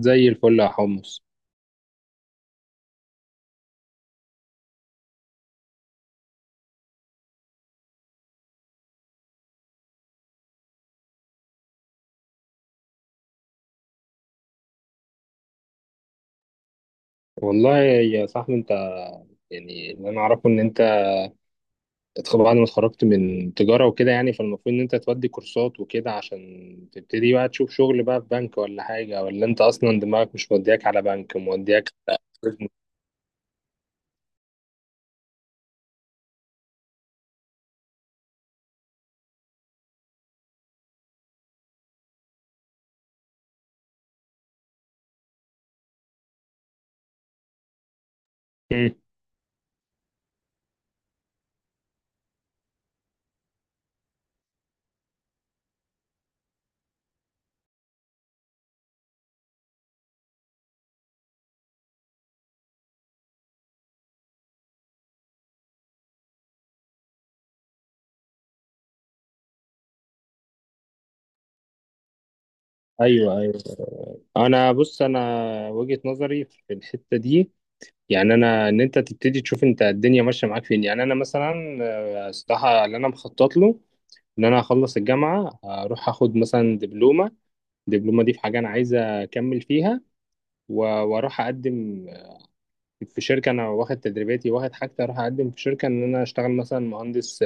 زي الفل يا حمص. والله يا صاحبي انت، يعني اللي انا اعرفه ان انت بعد ما اتخرجت من تجاره وكده، يعني فالمفروض ان انت تودي كورسات وكده عشان تبتدي بقى تشوف شغل بقى في بنك ولا حاجه، ولا انت اصلا دماغك مش مودياك على بنك، مودياك على business؟ مم. ايوه ايوه، انا بص، انا وجهه نظري في الحته دي، يعني انا ان انت تبتدي تشوف انت الدنيا ماشيه معاك فين. يعني انا مثلا، الصراحه اللي انا مخطط له ان انا اخلص الجامعه اروح اخد مثلا دبلومه. الدبلومه دي في حاجه انا عايز اكمل فيها، واروح اقدم في شركه انا واخد تدريباتي واخد حاجتي، اروح اقدم في شركه ان انا اشتغل مثلا مهندس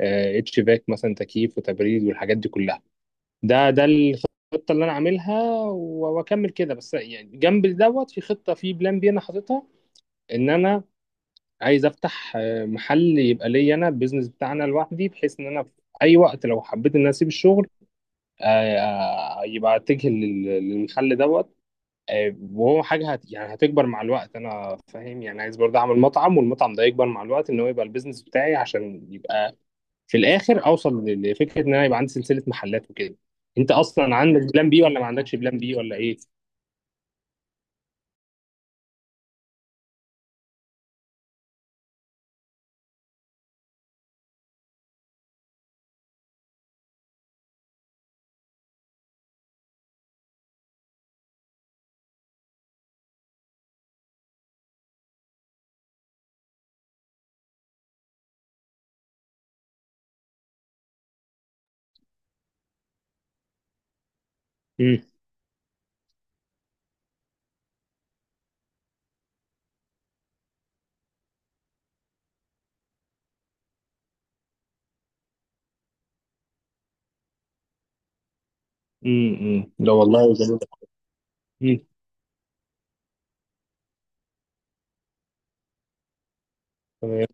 اتش فاك، مثلا تكييف وتبريد والحاجات دي كلها. ده الخطه اللي انا عاملها، واكمل كده. بس يعني جنب دوت في خطه، في بلان بي انا حاططها ان انا عايز افتح محل يبقى ليا انا، البيزنس بتاعنا لوحدي، بحيث ان انا في اي وقت لو حبيت ان انا اسيب الشغل، يبقى اتجه للمحل دوت. وهو حاجه يعني هتكبر مع الوقت انا فاهم، يعني عايز برضه اعمل مطعم والمطعم ده يكبر مع الوقت، ان هو يبقى البيزنس بتاعي عشان يبقى في الاخر اوصل لفكره ان انا يبقى عندي سلسله محلات وكده. انت اصلا عندك بلان بي ولا ما عندكش بلان بي ولا ايه؟ امم. امم، لا والله جميل. مم. تمام.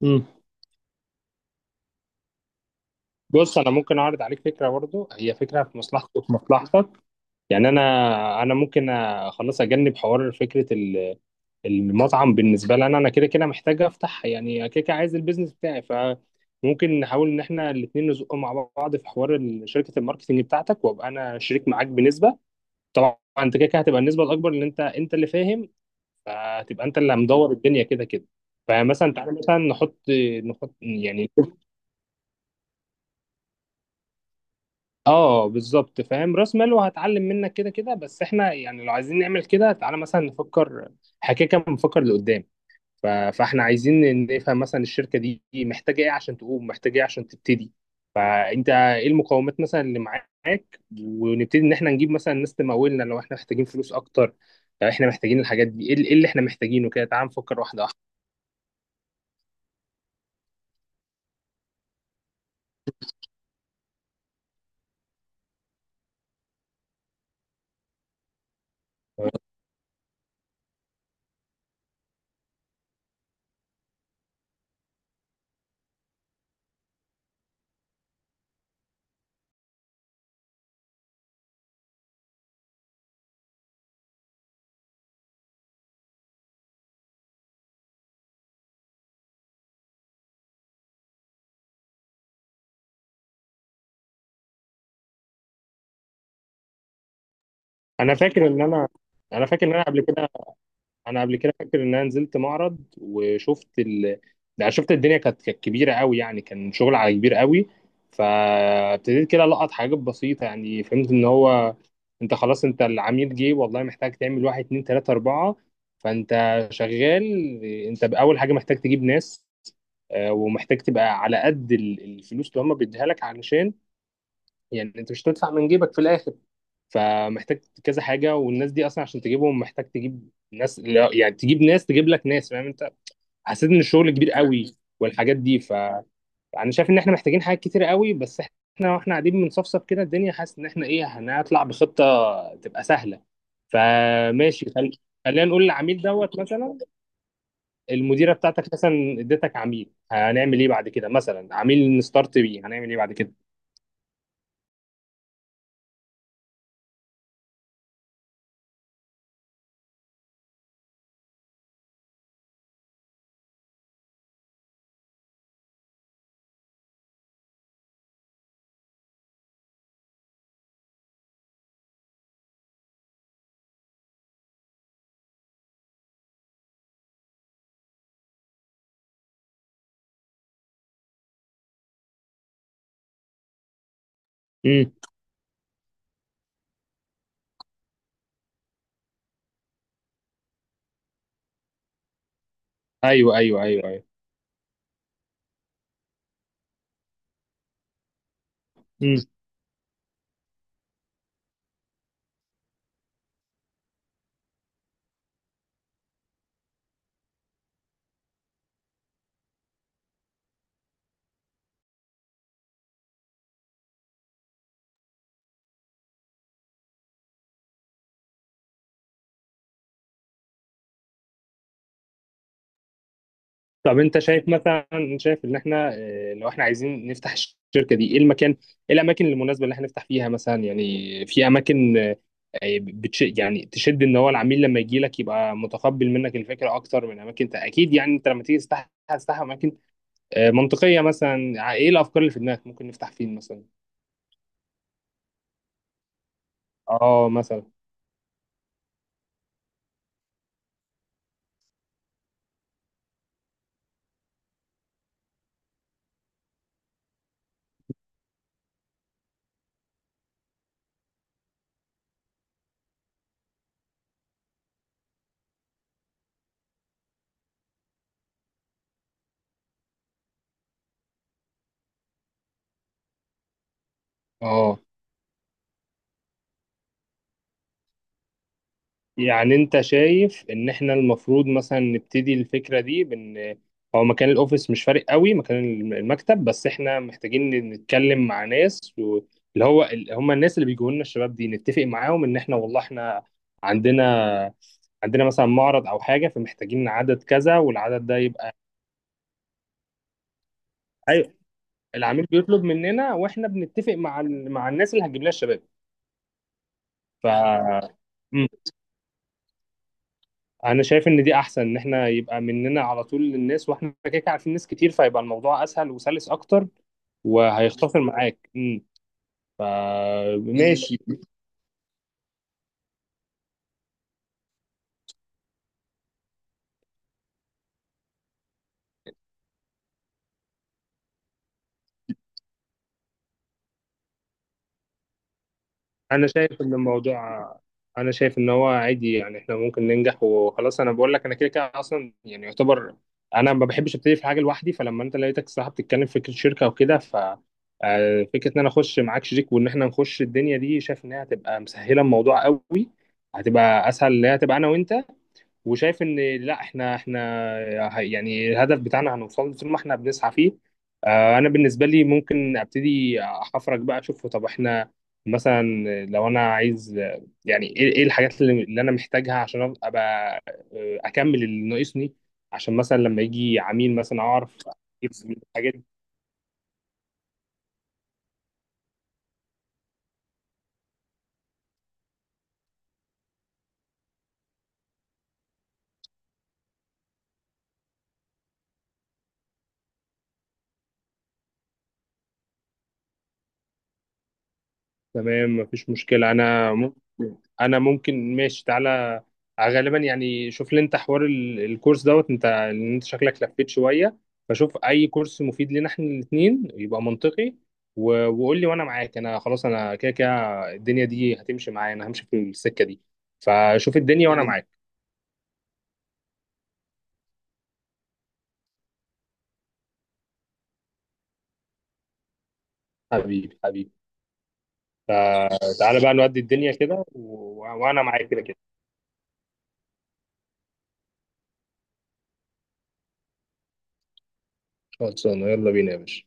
مم. بص انا ممكن اعرض عليك فكره برضه، هي فكره في مصلحتك وفي مصلحتك. يعني انا ممكن خلاص، اجنب حوار فكره المطعم. بالنسبه لي انا، انا كده كده محتاج افتح، يعني كده كده عايز البيزنس بتاعي. فممكن نحاول ان احنا الاثنين نزق مع بعض في حوار شركه الماركتنج بتاعتك، وابقى انا شريك معاك بنسبه. طبعا انت كده كده هتبقى النسبه الاكبر لان انت اللي فاهم، فهتبقى انت اللي مدور الدنيا كده كده. فمثلا تعالى مثلا نحط، يعني اه بالظبط فاهم، راس مال، وهتعلم منك كده كده. بس احنا يعني لو عايزين نعمل كده، تعالى مثلا نفكر حكايه، كده كده بنفكر لقدام. فاحنا عايزين نفهم مثلا الشركه دي محتاجه ايه عشان تقوم، محتاجه ايه عشان تبتدي. فانت ايه المقومات مثلا اللي معاك، ونبتدي ان احنا نجيب مثلا ناس تمولنا لو احنا محتاجين فلوس اكتر، لو احنا محتاجين الحاجات دي. ايه اللي إيه اللي احنا محتاجينه؟ كده تعال نفكر واحده واحده. انا فاكر ان انا، انا فاكر ان انا قبل كده، انا قبل كده فاكر ان انا نزلت معرض وشفت يعني شفت الدنيا كانت كبيره قوي، يعني كان شغل على كبير قوي. فابتديت كده لقط حاجات بسيطه، يعني فهمت ان هو انت خلاص، انت العميل جه والله، محتاج تعمل واحد اتنين تلاته اربعه. فانت شغال، انت باول حاجه محتاج تجيب ناس، ومحتاج تبقى على قد الفلوس اللي هم بيديها لك علشان يعني انت مش هتدفع من جيبك في الاخر. فمحتاج كذا حاجه، والناس دي اصلا عشان تجيبهم محتاج تجيب ناس لا، يعني تجيب ناس تجيب لك ناس فاهم انت. حسيت ان الشغل كبير قوي والحاجات دي، فانا شايف ان احنا محتاجين حاجات كتير قوي، بس احنا واحنا قاعدين بنصفصف كده الدنيا حاسس ان احنا ايه هنطلع بخطه تبقى سهله. فماشي، خلينا نقول العميل دوت مثلا. المديره بتاعتك مثلا اديتك عميل، هنعمل ايه بعد كده؟ مثلا عميل نستارت بيه هنعمل ايه بعد كده؟ امم. ايوه ايوه ايوه ايوه. طب انت شايف مثلا، شايف ان احنا لو احنا عايزين نفتح الشركه دي، ايه المكان؟ ايه الاماكن المناسبه اللي احنا نفتح فيها مثلا؟ يعني في اماكن يعني تشد ان هو العميل لما يجي لك يبقى متقبل منك الفكره اكتر من اماكن اكيد يعني انت لما تيجي تفتح هتفتح اماكن اه، منطقيه مثلا. ايه الافكار اللي في دماغك ممكن نفتح فين مثلا؟ اه مثلا اه، يعني انت شايف ان احنا المفروض مثلا نبتدي الفكرة دي بان هو مكان الاوفيس مش فارق قوي، مكان المكتب. بس احنا محتاجين نتكلم مع ناس اللي هو هم الناس اللي بيجوا لنا الشباب دي، نتفق معاهم ان احنا والله احنا عندنا، مثلا معرض او حاجة فمحتاجين عدد كذا والعدد ده يبقى ايوه. العميل بيطلب مننا واحنا بنتفق مع مع الناس اللي هتجيب لنا الشباب. ف انا شايف ان دي احسن، ان احنا يبقى مننا على طول للناس، واحنا كده كده عارفين ناس كتير، فيبقى الموضوع اسهل وسلس اكتر وهيختصر معاك فماشي. انا شايف ان الموضوع، انا شايف ان هو عادي، يعني احنا ممكن ننجح وخلاص. انا بقول لك انا كده كده اصلا يعني يعتبر انا ما بحبش ابتدي في حاجه لوحدي، فلما انت لقيتك الصراحه بتتكلم في فكره شركه وكده ف، فكره ان انا اخش معاك شريك وان احنا نخش الدنيا دي، شايف انها هتبقى مسهله الموضوع قوي. هتبقى اسهل، اللي هي هتبقى انا وانت. وشايف ان لا، احنا يعني الهدف بتاعنا هنوصل له طول ما احنا بنسعى فيه. انا بالنسبه لي ممكن ابتدي احفرك بقى اشوف، طب احنا مثلا لو انا عايز، يعني ايه إيه الحاجات اللي انا محتاجها عشان ابقى اكمل اللي ناقصني، عشان مثلا لما يجي عميل مثلا اعرف أجيب الحاجات. تمام مفيش مشكلة، أنا ممكن ماشي تعالى. غالبا يعني شوف لي أنت حوار الكورس دوت أنت، لأن أنت شكلك لفيت شوية. فشوف أي كورس مفيد لنا إحنا الاتنين يبقى منطقي، وقول لي وأنا معاك. أنا خلاص أنا كده كده الدنيا دي هتمشي معايا، أنا همشي في السكة دي. فشوف الدنيا وأنا جميل معاك. حبيبي حبيبي. فتعالى بقى نودي الدنيا كده وأنا معاك كده كده. خلصانة، يلا بينا يا باشا.